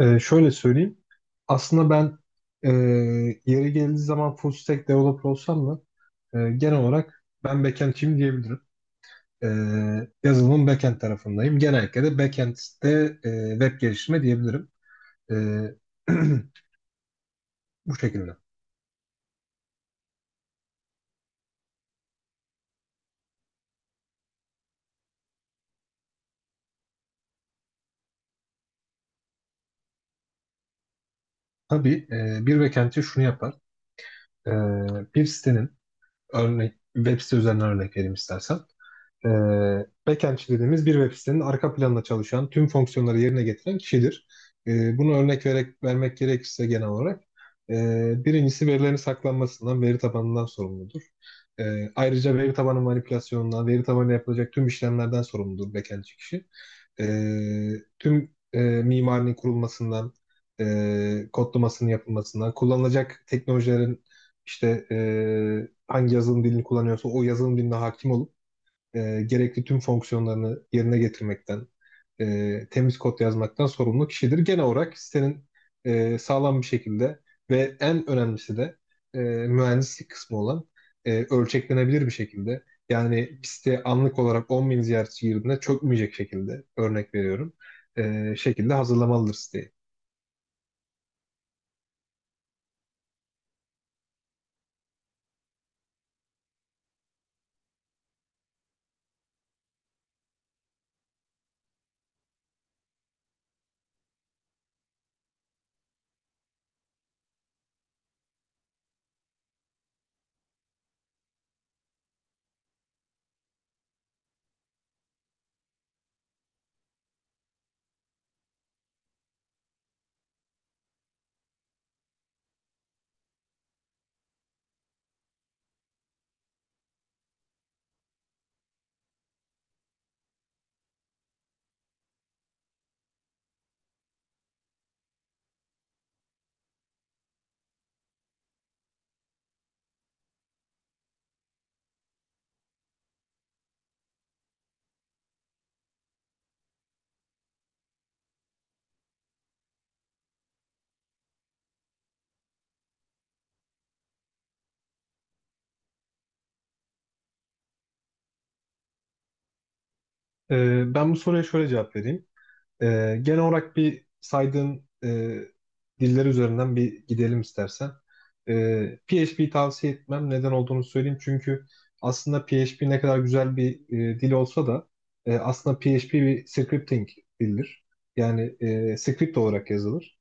Şöyle söyleyeyim. Aslında ben e, yeri geldiği zaman full stack developer olsam da genel olarak ben backend'çiyim diyebilirim. E, yazılımın backend tarafındayım. Genellikle de backend'de web geliştirme diyebilirim. E, Bu şekilde. Tabii, bir backendçi şunu yapar. E, bir sitenin örnek web site üzerinden örnek vereyim istersen. e, backendçi dediğimiz bir web sitenin arka planında çalışan, tüm fonksiyonları yerine getiren kişidir. Bunu örnek vermek gerekirse genel olarak, e, birincisi verilerin saklanmasından, veri tabanından sorumludur. Ayrıca veri tabanı manipülasyonundan, veri tabanına yapılacak tüm işlemlerden sorumludur backendçi kişi. E, tüm mimarinin kurulmasından, kodlamasının yapılmasından, kullanılacak teknolojilerin işte hangi yazılım dilini kullanıyorsa o yazılım diline hakim olup gerekli tüm fonksiyonlarını yerine getirmekten, temiz kod yazmaktan sorumlu kişidir. Genel olarak sitenin sağlam bir şekilde ve en önemlisi de e, mühendislik kısmı olan ölçeklenebilir bir şekilde. Yani bir site anlık olarak 10 bin ziyaretçi girdiğinde çökmeyecek şekilde örnek veriyorum. Şekilde hazırlamalıdır siteyi. Ben bu soruya şöyle cevap vereyim. Genel olarak bir saydığın diller üzerinden bir gidelim istersen. PHP tavsiye etmem. Neden olduğunu söyleyeyim. Çünkü aslında PHP ne kadar güzel bir dil olsa da, aslında PHP bir scripting dildir. Yani script olarak yazılır.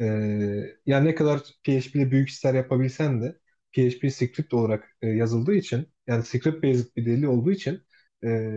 Ee, yani ne kadar PHP ile büyük işler yapabilsen de PHP script olarak yazıldığı için yani script based bir dili olduğu için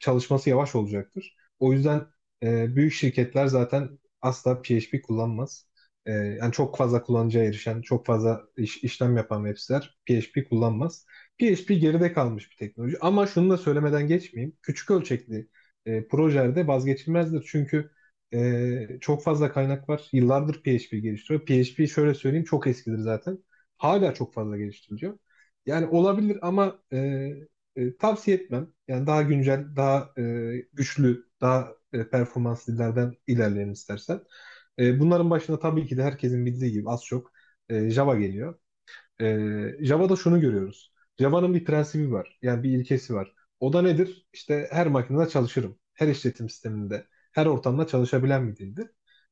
çalışması yavaş olacaktır. O yüzden büyük şirketler zaten asla PHP kullanmaz. Yani çok fazla kullanıcıya erişen, çok fazla işlem yapan web siteler PHP kullanmaz. PHP geride kalmış bir teknoloji. Ama şunu da söylemeden geçmeyeyim. Küçük ölçekli projelerde vazgeçilmezdir. Çünkü çok fazla kaynak var. Yıllardır PHP geliştiriyor. PHP şöyle söyleyeyim, çok eskidir zaten. Hala çok fazla geliştiriliyor. Yani olabilir ama tavsiye etmem. Yani daha güncel, daha güçlü, daha performanslı dillerden ilerleyelim istersen. Bunların başında tabii ki de herkesin bildiği gibi az çok Java geliyor. Java'da şunu görüyoruz. Java'nın bir prensibi var. Yani bir ilkesi var. O da nedir? İşte her makinede çalışırım. Her işletim sisteminde, her ortamda çalışabilen bir dildir.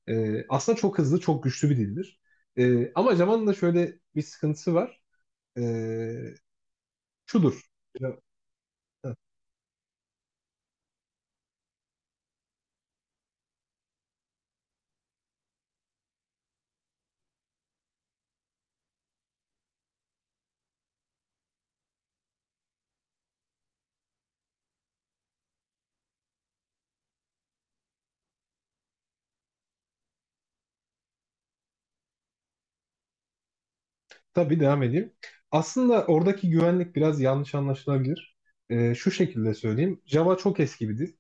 Aslında çok hızlı, çok güçlü bir dildir. Ama Java'nın da şöyle bir sıkıntısı var. Ee, Şudur. Ya- Tabii devam edeyim. Aslında oradaki güvenlik biraz yanlış anlaşılabilir. Şu şekilde söyleyeyim. Java çok eski bir dil.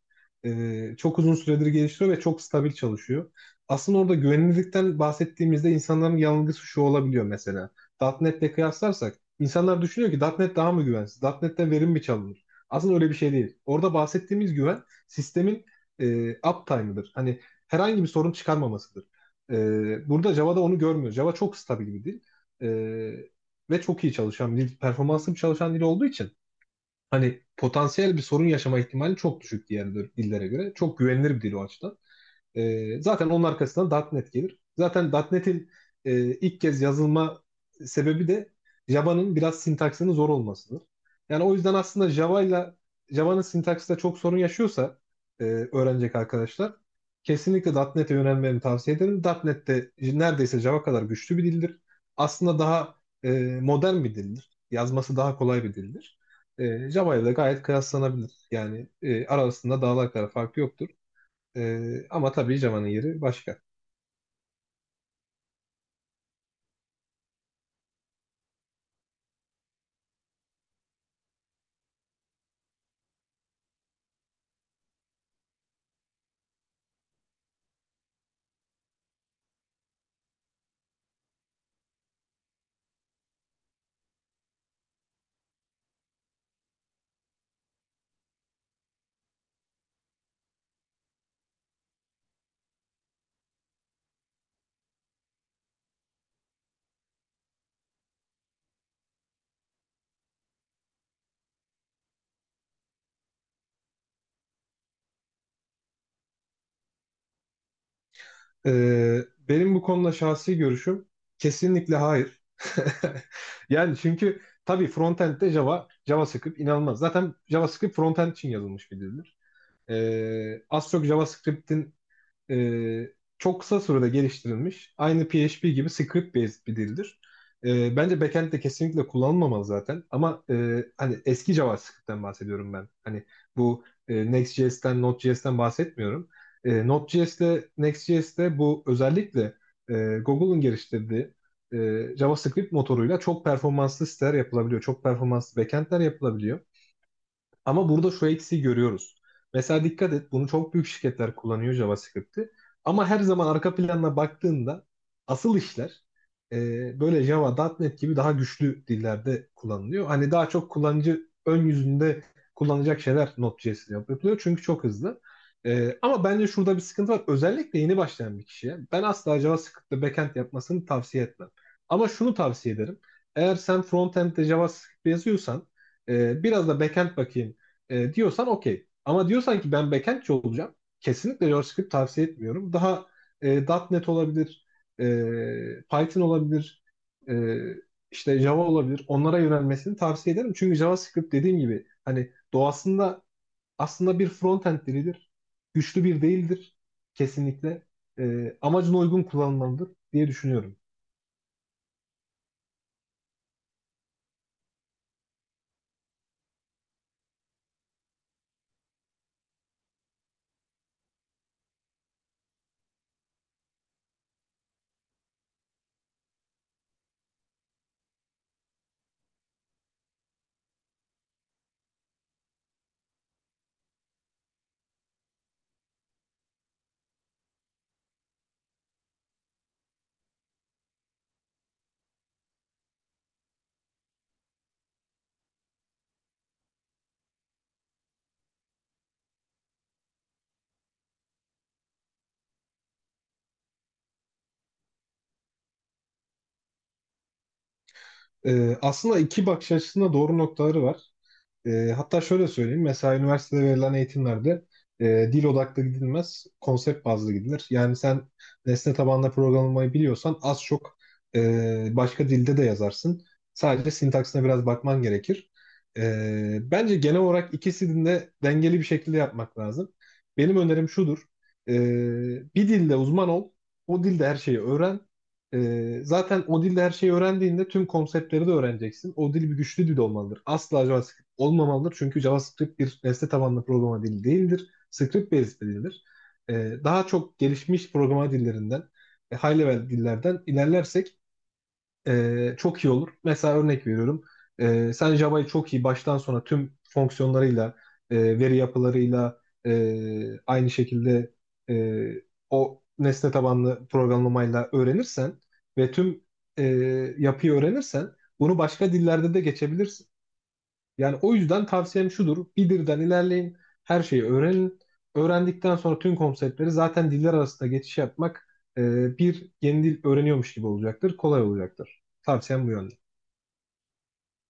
Çok uzun süredir geliştiriyor ve çok stabil çalışıyor. Aslında orada güvenilirlikten bahsettiğimizde insanların yanılgısı şu olabiliyor mesela. .NET'le kıyaslarsak insanlar düşünüyor ki .NET daha mı güvensiz? .NET'ten verim mi çalınır? Aslında öyle bir şey değil. Orada bahsettiğimiz güven sistemin uptime'ıdır. Hani herhangi bir sorun çıkarmamasıdır. Burada Java'da onu görmüyoruz. Java çok stabil bir dil. Ee, ve çok iyi çalışan bir dil, performanslı bir çalışan dil olduğu için hani potansiyel bir sorun yaşama ihtimali çok düşük diğer dillere göre. Çok güvenilir bir dil o açıdan. Zaten onun arkasından .nokta .NET gelir. Zaten .nokta .NET'in ilk kez yazılma sebebi de Java'nın biraz sintaksinin zor olmasıdır. Yani o yüzden aslında Java'nın sintaksında çok sorun yaşıyorsa öğrenecek arkadaşlar kesinlikle .nokta .NET'e yönelmeni tavsiye ederim. .nokta .NET de neredeyse Java kadar güçlü bir dildir. Aslında daha e, modern bir dildir. Yazması daha kolay bir dildir. Java ile gayet kıyaslanabilir. Yani arasında dağlar kadar fark yoktur. Ama tabii Cema'nın yeri başka. Benim bu konuda şahsi görüşüm kesinlikle hayır. Yani çünkü tabii frontend'de Java, JavaScript inanılmaz. Zaten JavaScript frontend için yazılmış bir dildir. Az çok JavaScript'in e, çok kısa sürede geliştirilmiş. Aynı PHP gibi script based bir dildir. Bence backend de kesinlikle kullanılmamalı zaten. Ama hani eski JavaScript'ten bahsediyorum ben. Hani bu Next.js'ten, Node.js'ten bahsetmiyorum. Node.js'te, Next.js'te bu özellikle Google'ın geliştirdiği JavaScript motoruyla çok performanslı siteler yapılabiliyor. Çok performanslı backendler yapılabiliyor. Ama burada şu eksiği görüyoruz. Mesela dikkat et, bunu çok büyük şirketler kullanıyor JavaScript'i. Ama her zaman arka planına baktığında asıl işler böyle Java, .nokta .NET gibi daha güçlü dillerde kullanılıyor. Hani daha çok kullanıcı ön yüzünde kullanacak şeyler Node.js'de yapılıyor. Çünkü çok hızlı. Ama bence şurada bir sıkıntı var. Özellikle yeni başlayan bir kişiye. Ben asla JavaScript'te backend yapmasını tavsiye etmem. Ama şunu tavsiye ederim. Eğer sen frontend'de JavaScript yazıyorsan biraz da backend bakayım diyorsan okey. Ama diyorsan ki ben backendçi olacağım. Kesinlikle JavaScript tavsiye etmiyorum. Daha .nokta .NET olabilir, e, Python olabilir, e, işte Java olabilir. Onlara yönelmesini tavsiye ederim. Çünkü JavaScript dediğim gibi hani doğasında aslında bir frontend dilidir. Güçlü bir değildir kesinlikle. Amacına uygun kullanılmalıdır diye düşünüyorum. Aslında iki bakış açısında doğru noktaları var. Hatta şöyle söyleyeyim. Mesela üniversitede verilen eğitimlerde dil odaklı gidilmez, konsept bazlı gidilir. Yani sen nesne tabanlı programlamayı biliyorsan az çok başka dilde de yazarsın. Sadece sintaksine biraz bakman gerekir. Bence genel olarak ikisini de dengeli bir şekilde yapmak lazım. Benim önerim şudur. E, bir dilde uzman ol, o dilde her şeyi öğren. Zaten o dilde her şeyi öğrendiğinde tüm konseptleri de öğreneceksin. O dil bir güçlü dil olmalıdır. Asla JavaScript olmamalıdır. Çünkü JavaScript bir nesne tabanlı programa dili değildir. Script based bir dildir. Ee, daha çok gelişmiş programa dillerinden, high level dillerden ilerlersek çok iyi olur. Mesela örnek veriyorum. Sen Java'yı çok iyi baştan sona tüm fonksiyonlarıyla, veri yapılarıyla aynı şekilde e, o nesne tabanlı programlamayla öğrenirsen ve tüm e, yapıyı öğrenirsen bunu başka dillerde de geçebilirsin. Yani o yüzden tavsiyem şudur. Beader'dan ilerleyin. Her şeyi öğrenin. Öğrendikten sonra tüm konseptleri zaten diller arasında geçiş yapmak bir yeni dil öğreniyormuş gibi olacaktır. Kolay olacaktır. Tavsiyem bu yönde.